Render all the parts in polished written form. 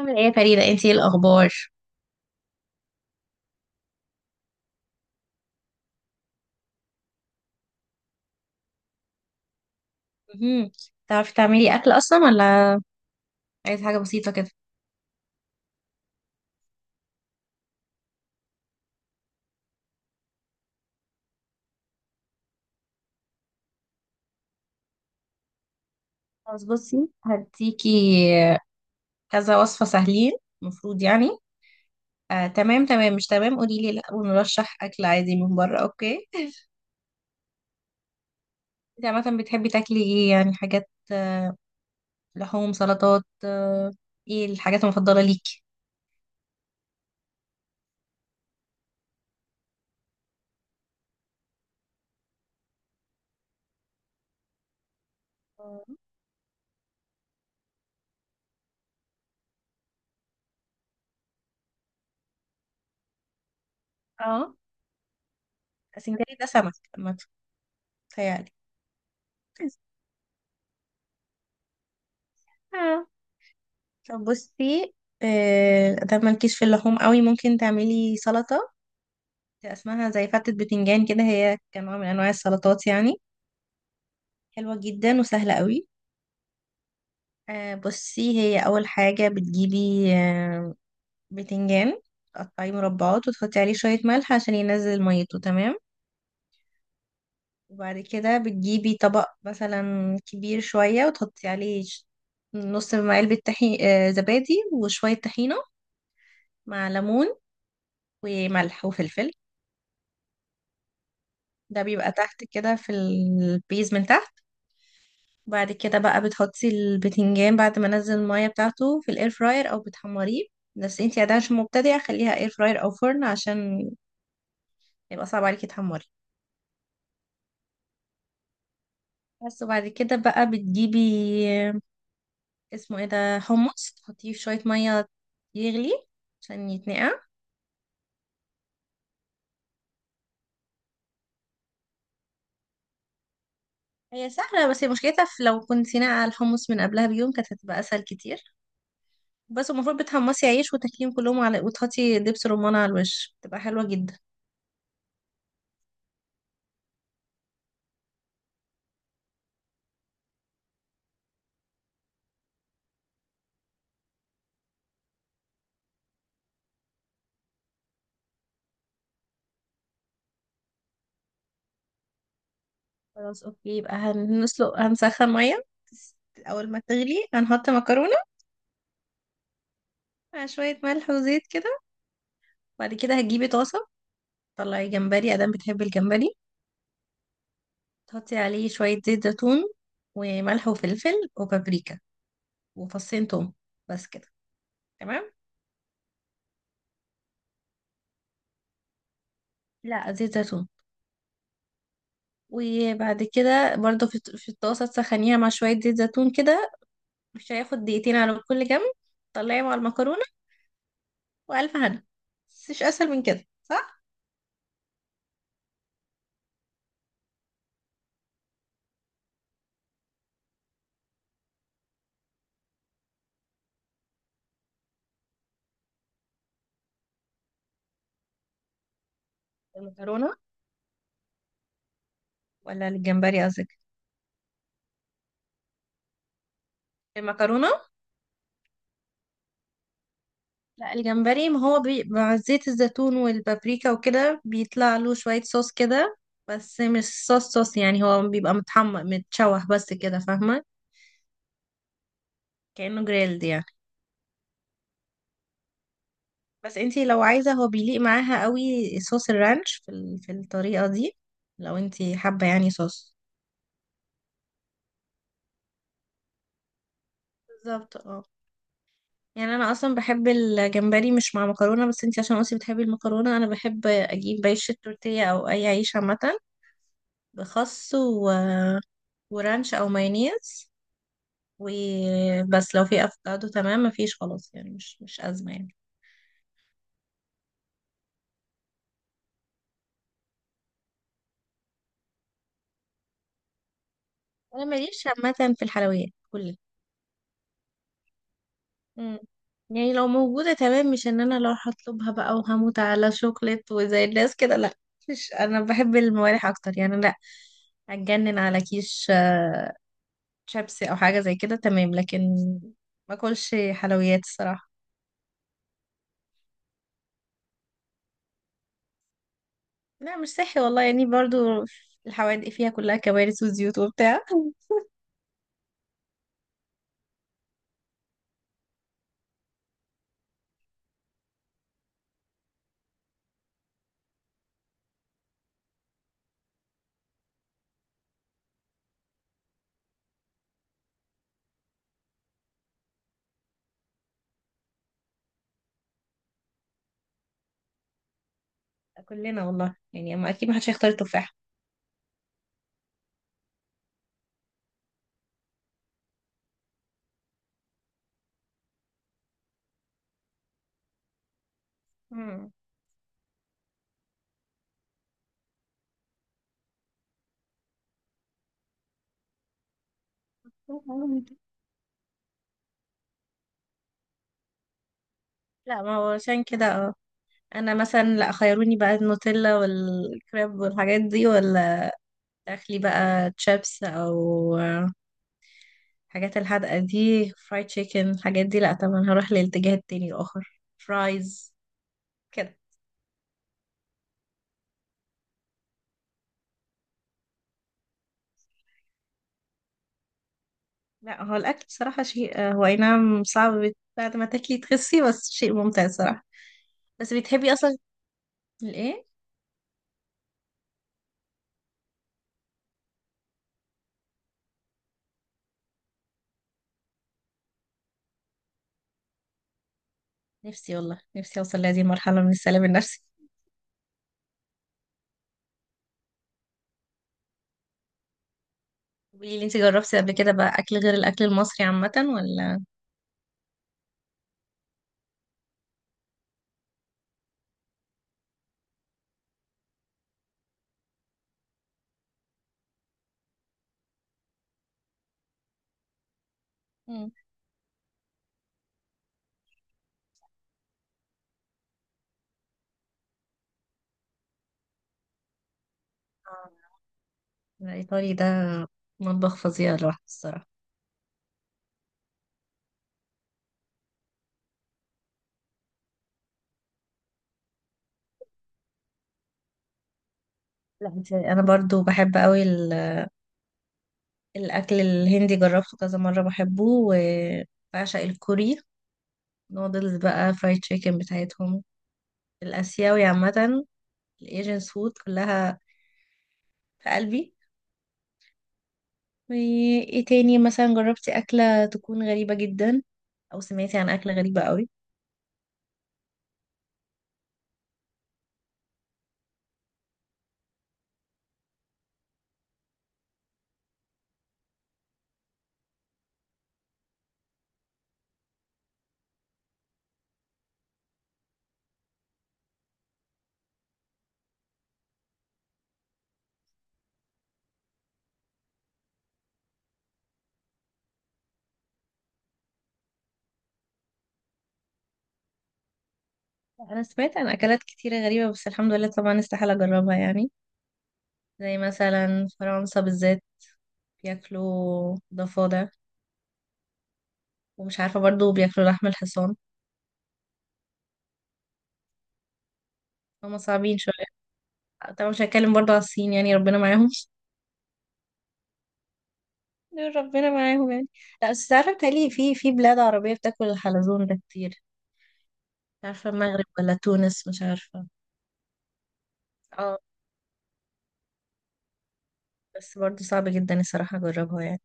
عامل ايه يا فريدة، انتي ايه الاخبار؟ مهم. تعرفي تعملي اكل اصلا ولا؟ عايزة حاجة بسيطة كده؟ خلاص، بصي هديكي كذا وصفة سهلين المفروض يعني. تمام تمام مش تمام، قولي لي لا ونرشح اكل عادي من بره، اوكي؟ انت عامة بتحبي تاكلي ايه؟ يعني حاجات لحوم سلطات، ايه الحاجات المفضلة ليكي؟ اه، سنجاري ده سمك عامة، تهيألي. اه، طب بصي. ده مالكيش في اللحوم قوي، ممكن تعملي سلطة اسمها زي فتة بتنجان كده، هي كنوع من انواع السلطات يعني، حلوة جدا وسهلة قوي. بصي، هي اول حاجة بتجيبي بتنجان. تقطعيه مربعات، وتحطي عليه شوية ملح عشان ينزل ميته، تمام. وبعد كده بتجيبي طبق مثلا كبير شوية، وتحطي عليه نص علبة طحين، زبادي وشوية طحينة مع ليمون وملح وفلفل. ده بيبقى تحت كده في البيز من تحت. بعد كده بقى بتحطي البتنجان بعد ما نزل المية بتاعته في الاير فراير، او بتحمريه. بس انتي عادة عشان مبتدئة، خليها اير فراير او فرن، عشان يبقى صعب عليكي تحمري. بس، وبعد كده بقى بتجيبي، اسمه ايه ده، حمص، تحطيه في شوية مية يغلي عشان يتنقع. هي سهلة، بس هي مشكلتها في لو كنت ناقعة الحمص من قبلها بيوم، كانت هتبقى اسهل كتير. بس المفروض بتحمصي عيش وتاكليهم كلهم على، وتحطي دبس رمان على الوش، تبقى حلوة جدا. خلاص اوكي، يبقى هنسلق، هنسخن ميه. اول ما تغلي هنحط مكرونه مع شويه ملح وزيت كده. بعد كده هتجيبي طاسه، طلعي جمبري، ادام بتحبي الجمبري. تحطي عليه شويه زيت زيتون وملح وفلفل وبابريكا وفصين توم، بس كده، تمام. لا، زيت زيتون. وبعد كده برضو، في الطاسه تسخنيها مع شويه زيت زيتون كده. مش هياخد دقيقتين على كل جنب. طلعي مع المكرونه والف هنا. مش اسهل من كده، صح؟ المكرونه ولا الجمبري قصدك؟ المكرونة؟ لا، الجمبري، ما هو مع زيت الزيتون والبابريكا وكده بيطلع له شوية صوص كده. بس مش صوص صوص يعني، هو بيبقى متحمر متشوح بس كده، فاهمة؟ كأنه جريلد يعني. بس انتي لو عايزة هو بيليق معاها قوي، صوص الرانش في الطريقة دي، لو انتي حابة يعني صوص. بالظبط، اه. يعني انا اصلا بحب الجمبري مش مع مكرونة، بس انتي عشان قلتي بتحبي المكرونة، انا بحب اجيب عيش التورتيه او اي عيش عامة. بخس ورانش او مايونيز. وبس، لو في افوكادو تمام، مفيش خلاص يعني، مش ازمه يعني. انا ماليش عامه في الحلويات كلها. مم. يعني لو موجوده تمام، مش ان انا لو هطلبها بقى وهموت على شوكليت وزي الناس كده، لا. مش، انا بحب الموالح اكتر يعني، لا. هتجنن على كيش، شيبسي او حاجه زي كده، تمام، لكن ما اكلش حلويات الصراحه. لا، مش صحي والله يعني، برضو الحوادق فيها كلها كوارث وزيوت وبتاع. كلنا والله يعني، اما اكيد ما حدش هيختار التفاح. مم. لا، ما هو عشان كده، اه. انا مثلا لا، خيروني بقى النوتيلا والكريب والحاجات دي، ولا اخلي بقى تشيبس او الحاجات الحادقه دي، فرايد تشيكن الحاجات دي، لا طبعا هروح للاتجاه التاني الاخر، فرايز كده. لا، هو الاكل بصراحه شيء، هو اي نعم صعب بعد ما تاكلي تخسي، بس شيء ممتع صراحه. بس بتحبي اصلا الايه؟ نفسي والله، نفسي اوصل لهذه المرحله من السلام النفسي. قولي لي، انت جربتي قبل كده بقى اكل غير الاكل المصري عامة ولا؟ مم. آه، الايطالي ده مطبخ فظيع لوحده الصراحة. لا، انت انا برضو بحب قوي الاكل الهندي، جربته كذا مرة بحبه، وبعشق الكوري. نودلز بقى، فرايد تشيكن بتاعتهم، الاسيوي عامة، الايجنس فود كلها في قلبي. وايه تاني؟ مثلا جربتي اكلة تكون غريبة جدا، او سمعتي عن اكلة غريبة قوي؟ انا سمعت عن اكلات كتيرة غريبة، بس الحمد لله طبعا استحالة اجربها يعني. زي مثلا فرنسا بالذات بياكلوا ضفادع، ومش عارفة برضو بياكلوا لحم الحصان. هما صعبين شوية. طبعا مش هتكلم برضو على الصين، يعني ربنا معاهم دول ربنا معاهم يعني. لا بس عارفة بتهيألي، في بلاد عربية بتاكل الحلزون ده كتير. مش عارفة، المغرب ولا تونس، مش عارفة. اه. بس برضو صعب جدا الصراحة اجربها يعني.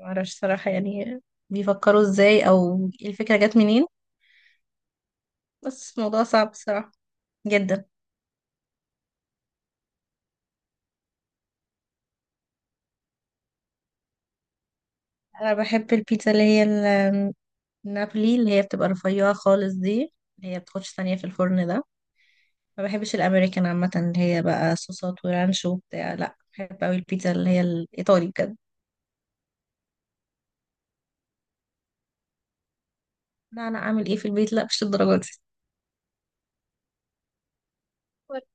معرفش صراحة يعني بيفكروا ازاي، او الفكرة جت منين، بس الموضوع صعب الصراحة جدا. انا بحب البيتزا اللي هي نابلي، اللي هي بتبقى رفيعة خالص دي، اللي هي بتاخدش ثانية في الفرن ده. ما بحبش الأمريكان عامة اللي هي بقى صوصات ورانش وبتاع، لا بحب أوي البيتزا اللي هي الإيطالي بجد. لا، أنا أعمل إيه في البيت؟ لا مش الدرجة دي. ورد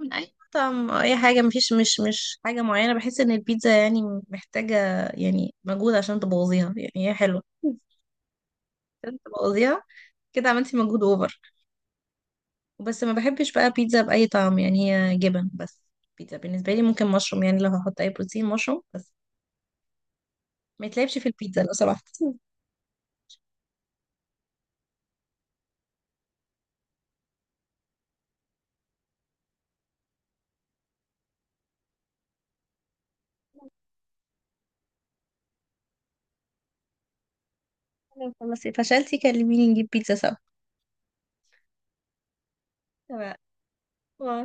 من أي مطعم أو أي حاجة، مفيش، مش حاجة معينة، بحس إن البيتزا يعني محتاجة. يعني مجهود عشان تبوظيها، يعني هي حلوة، عشان تبوظيها كده عملتي مجهود أوفر. وبس، ما بحبش بقى بيتزا بأي طعم، يعني هي جبن بس، بيتزا بالنسبة لي ممكن مشروم، يعني لو هحط أي بروتين، مشروم بس. ما يتلعبش في البيتزا لو سمحت. خلاص فشلتي، كلميني نجيب بيتزا سوا. تمام.